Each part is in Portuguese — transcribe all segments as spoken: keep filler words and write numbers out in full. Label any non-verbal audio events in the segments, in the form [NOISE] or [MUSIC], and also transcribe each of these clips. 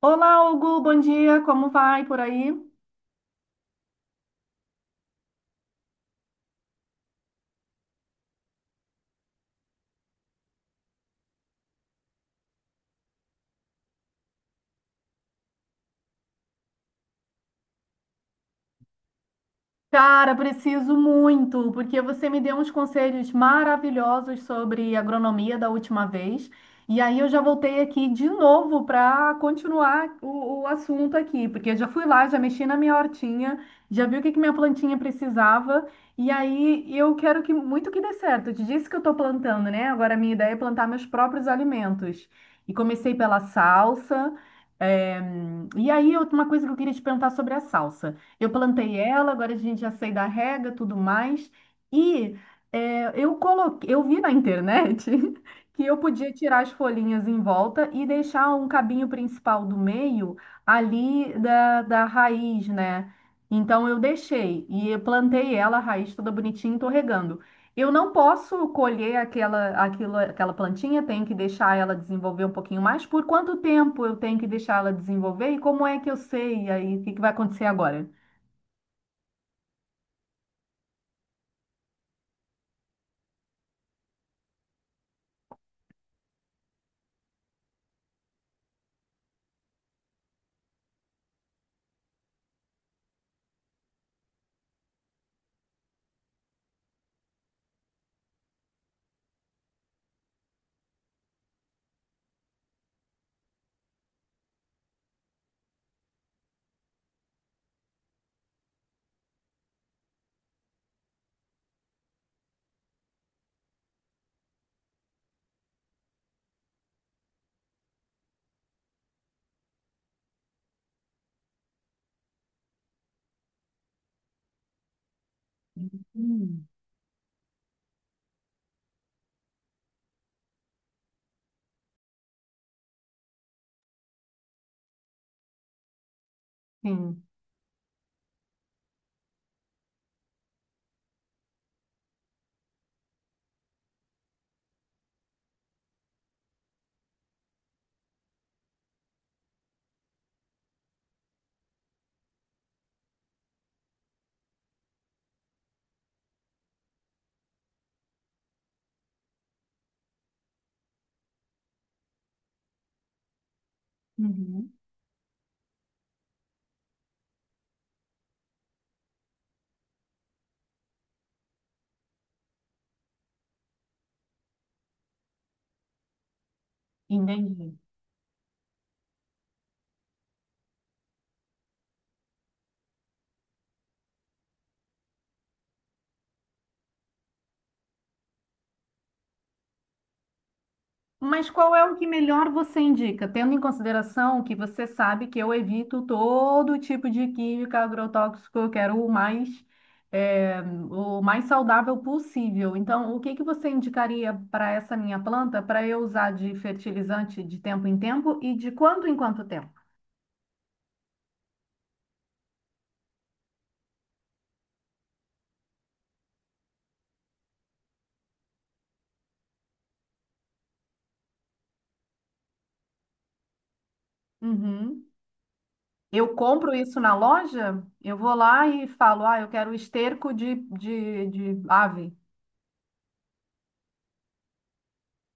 Olá, Hugo, bom dia, como vai por aí? Cara, preciso muito, porque você me deu uns conselhos maravilhosos sobre agronomia da última vez, e aí eu já voltei aqui de novo para continuar o, o assunto aqui, porque eu já fui lá, já mexi na minha hortinha, já vi o que que minha plantinha precisava, e aí eu quero que muito que dê certo. Eu te disse que eu estou plantando, né? Agora a minha ideia é plantar meus próprios alimentos. E comecei pela salsa, eh, e aí outra- uma coisa que eu queria te perguntar sobre a salsa. Eu plantei ela, agora a gente já sei da rega, tudo mais. E é, eu coloquei, eu vi na internet [LAUGHS] que eu podia tirar as folhinhas em volta e deixar um cabinho principal do meio ali da, da raiz, né? Então eu deixei e eu plantei ela, a raiz toda bonitinha, e tô regando. Eu não posso colher aquela, aquilo, aquela plantinha, tenho que deixar ela desenvolver um pouquinho mais. Por quanto tempo eu tenho que deixar ela desenvolver? E como é que eu sei? E aí, o que que vai acontecer agora? Hum. Sim. Uhum. Entendi. Mas qual é o que melhor você indica, tendo em consideração que você sabe que eu evito todo tipo de química agrotóxico, eu quero o mais, eh, o mais saudável possível. Então, o que que você indicaria para essa minha planta para eu usar de fertilizante de tempo em tempo e de quanto em quanto tempo? Uhum. Eu compro isso na loja, eu vou lá e falo, ah, eu quero esterco de, de, de ave.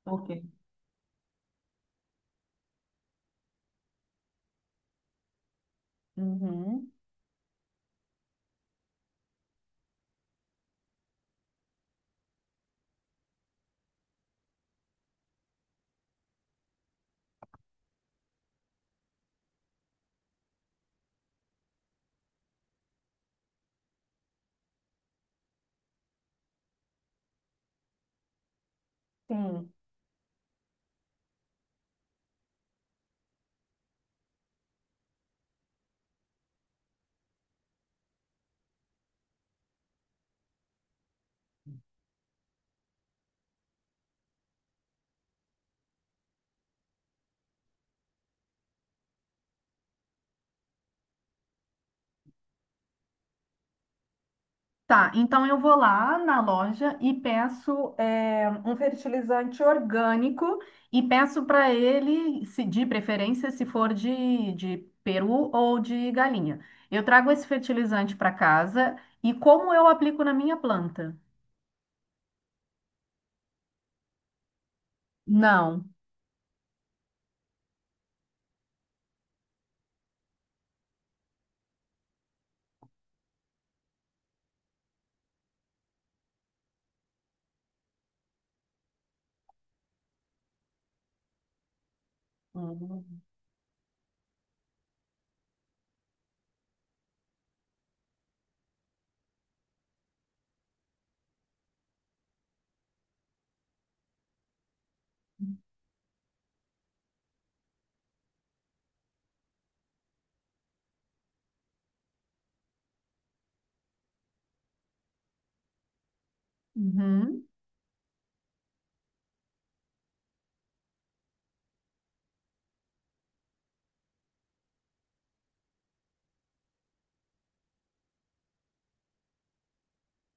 Ok. Uhum, sim. Tá, então eu vou lá na loja e peço é, um fertilizante orgânico e peço para ele, se de preferência, se for de, de peru ou de galinha. Eu trago esse fertilizante para casa e como eu aplico na minha planta? Não. Uhum. Uhum.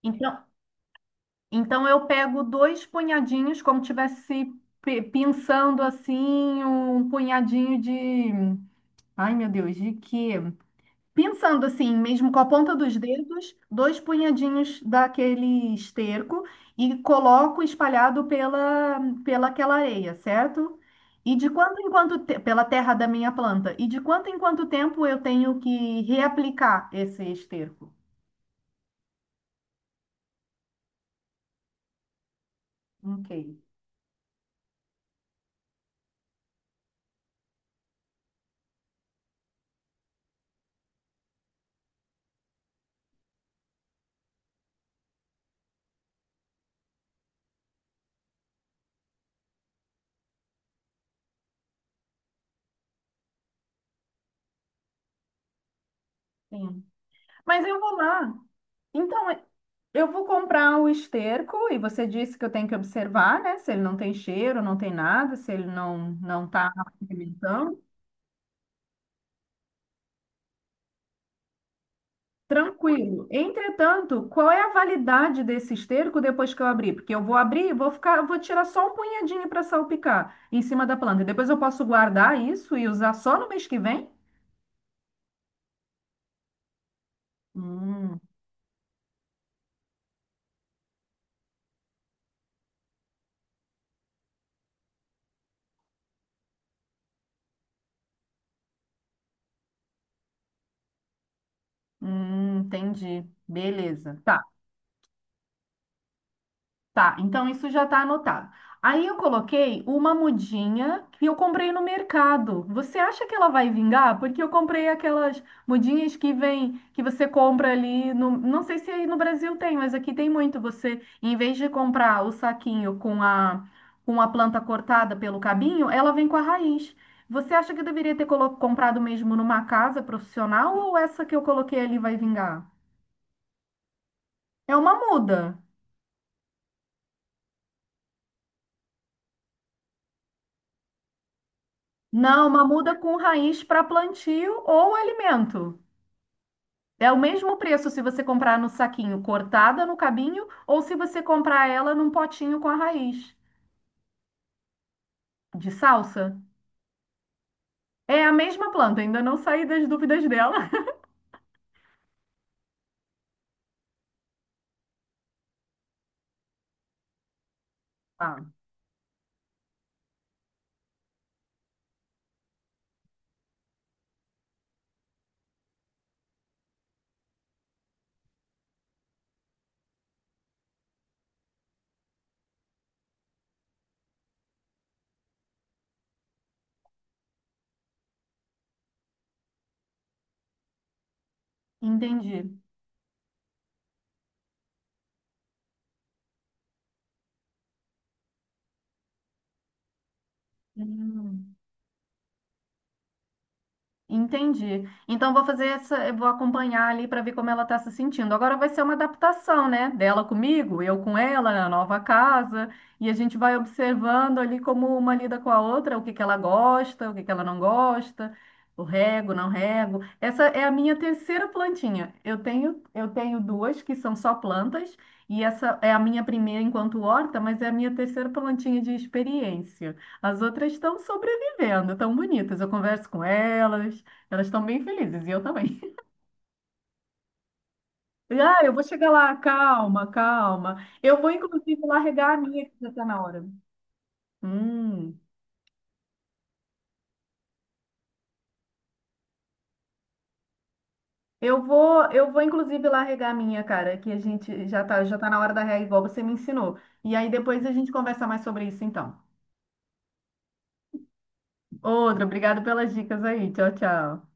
Então, então eu pego dois punhadinhos, como tivesse pe- pinçando assim, um punhadinho de. Ai, meu Deus, de quê? Pensando assim, mesmo com a ponta dos dedos, dois punhadinhos daquele esterco e coloco espalhado pela, pela aquela areia, certo? E de quanto em quanto te- pela terra da minha planta, e de quanto em quanto tempo eu tenho que reaplicar esse esterco? Ok, sim. Mas eu vou lá. Então, eu vou comprar o esterco e você disse que eu tenho que observar, né? Se ele não tem cheiro, não tem nada, se ele não não está tranquilo. Entretanto, qual é a validade desse esterco depois que eu abrir? Porque eu vou abrir, e vou ficar, vou tirar só um punhadinho para salpicar em cima da planta. E depois eu posso guardar isso e usar só no mês que vem? Hum, hum, entendi. Beleza. Tá. Tá, então isso já tá anotado. Aí eu coloquei uma mudinha que eu comprei no mercado. Você acha que ela vai vingar? Porque eu comprei aquelas mudinhas que vem, que você compra ali no, não sei se aí no Brasil tem, mas aqui tem muito. Você, em vez de comprar o saquinho com a com a planta cortada pelo cabinho, ela vem com a raiz. Você acha que eu deveria ter colo- comprado mesmo numa casa profissional ou essa que eu coloquei ali vai vingar? É uma muda. Não, uma muda com raiz para plantio ou alimento. É o mesmo preço se você comprar no saquinho cortada no cabinho ou se você comprar ela num potinho com a raiz de salsa. É a mesma planta, ainda não saí das dúvidas dela. [LAUGHS] Ah, entendi. Hum. Entendi. Então vou fazer essa, eu vou acompanhar ali para ver como ela está se sentindo. Agora vai ser uma adaptação, né? Dela comigo, eu com ela, na nova casa, e a gente vai observando ali como uma lida com a outra, o que que ela gosta, o que que ela não gosta, o rego, não rego. Essa é a minha terceira plantinha. Eu tenho, eu tenho duas que são só plantas, e essa é a minha primeira enquanto horta, mas é a minha terceira plantinha de experiência. As outras estão sobre vendo, tão bonitas. Eu converso com elas, elas estão bem felizes e eu também. [LAUGHS] Ah, eu vou chegar lá, calma, calma. Eu vou inclusive lá regar a minha que já tá na hora. Hum. Eu vou, eu vou inclusive lá regar a minha, cara, que a gente já tá, já tá na hora da rega igual você me ensinou. E aí depois a gente conversa mais sobre isso então. Outra, obrigado pelas dicas aí. Tchau, tchau.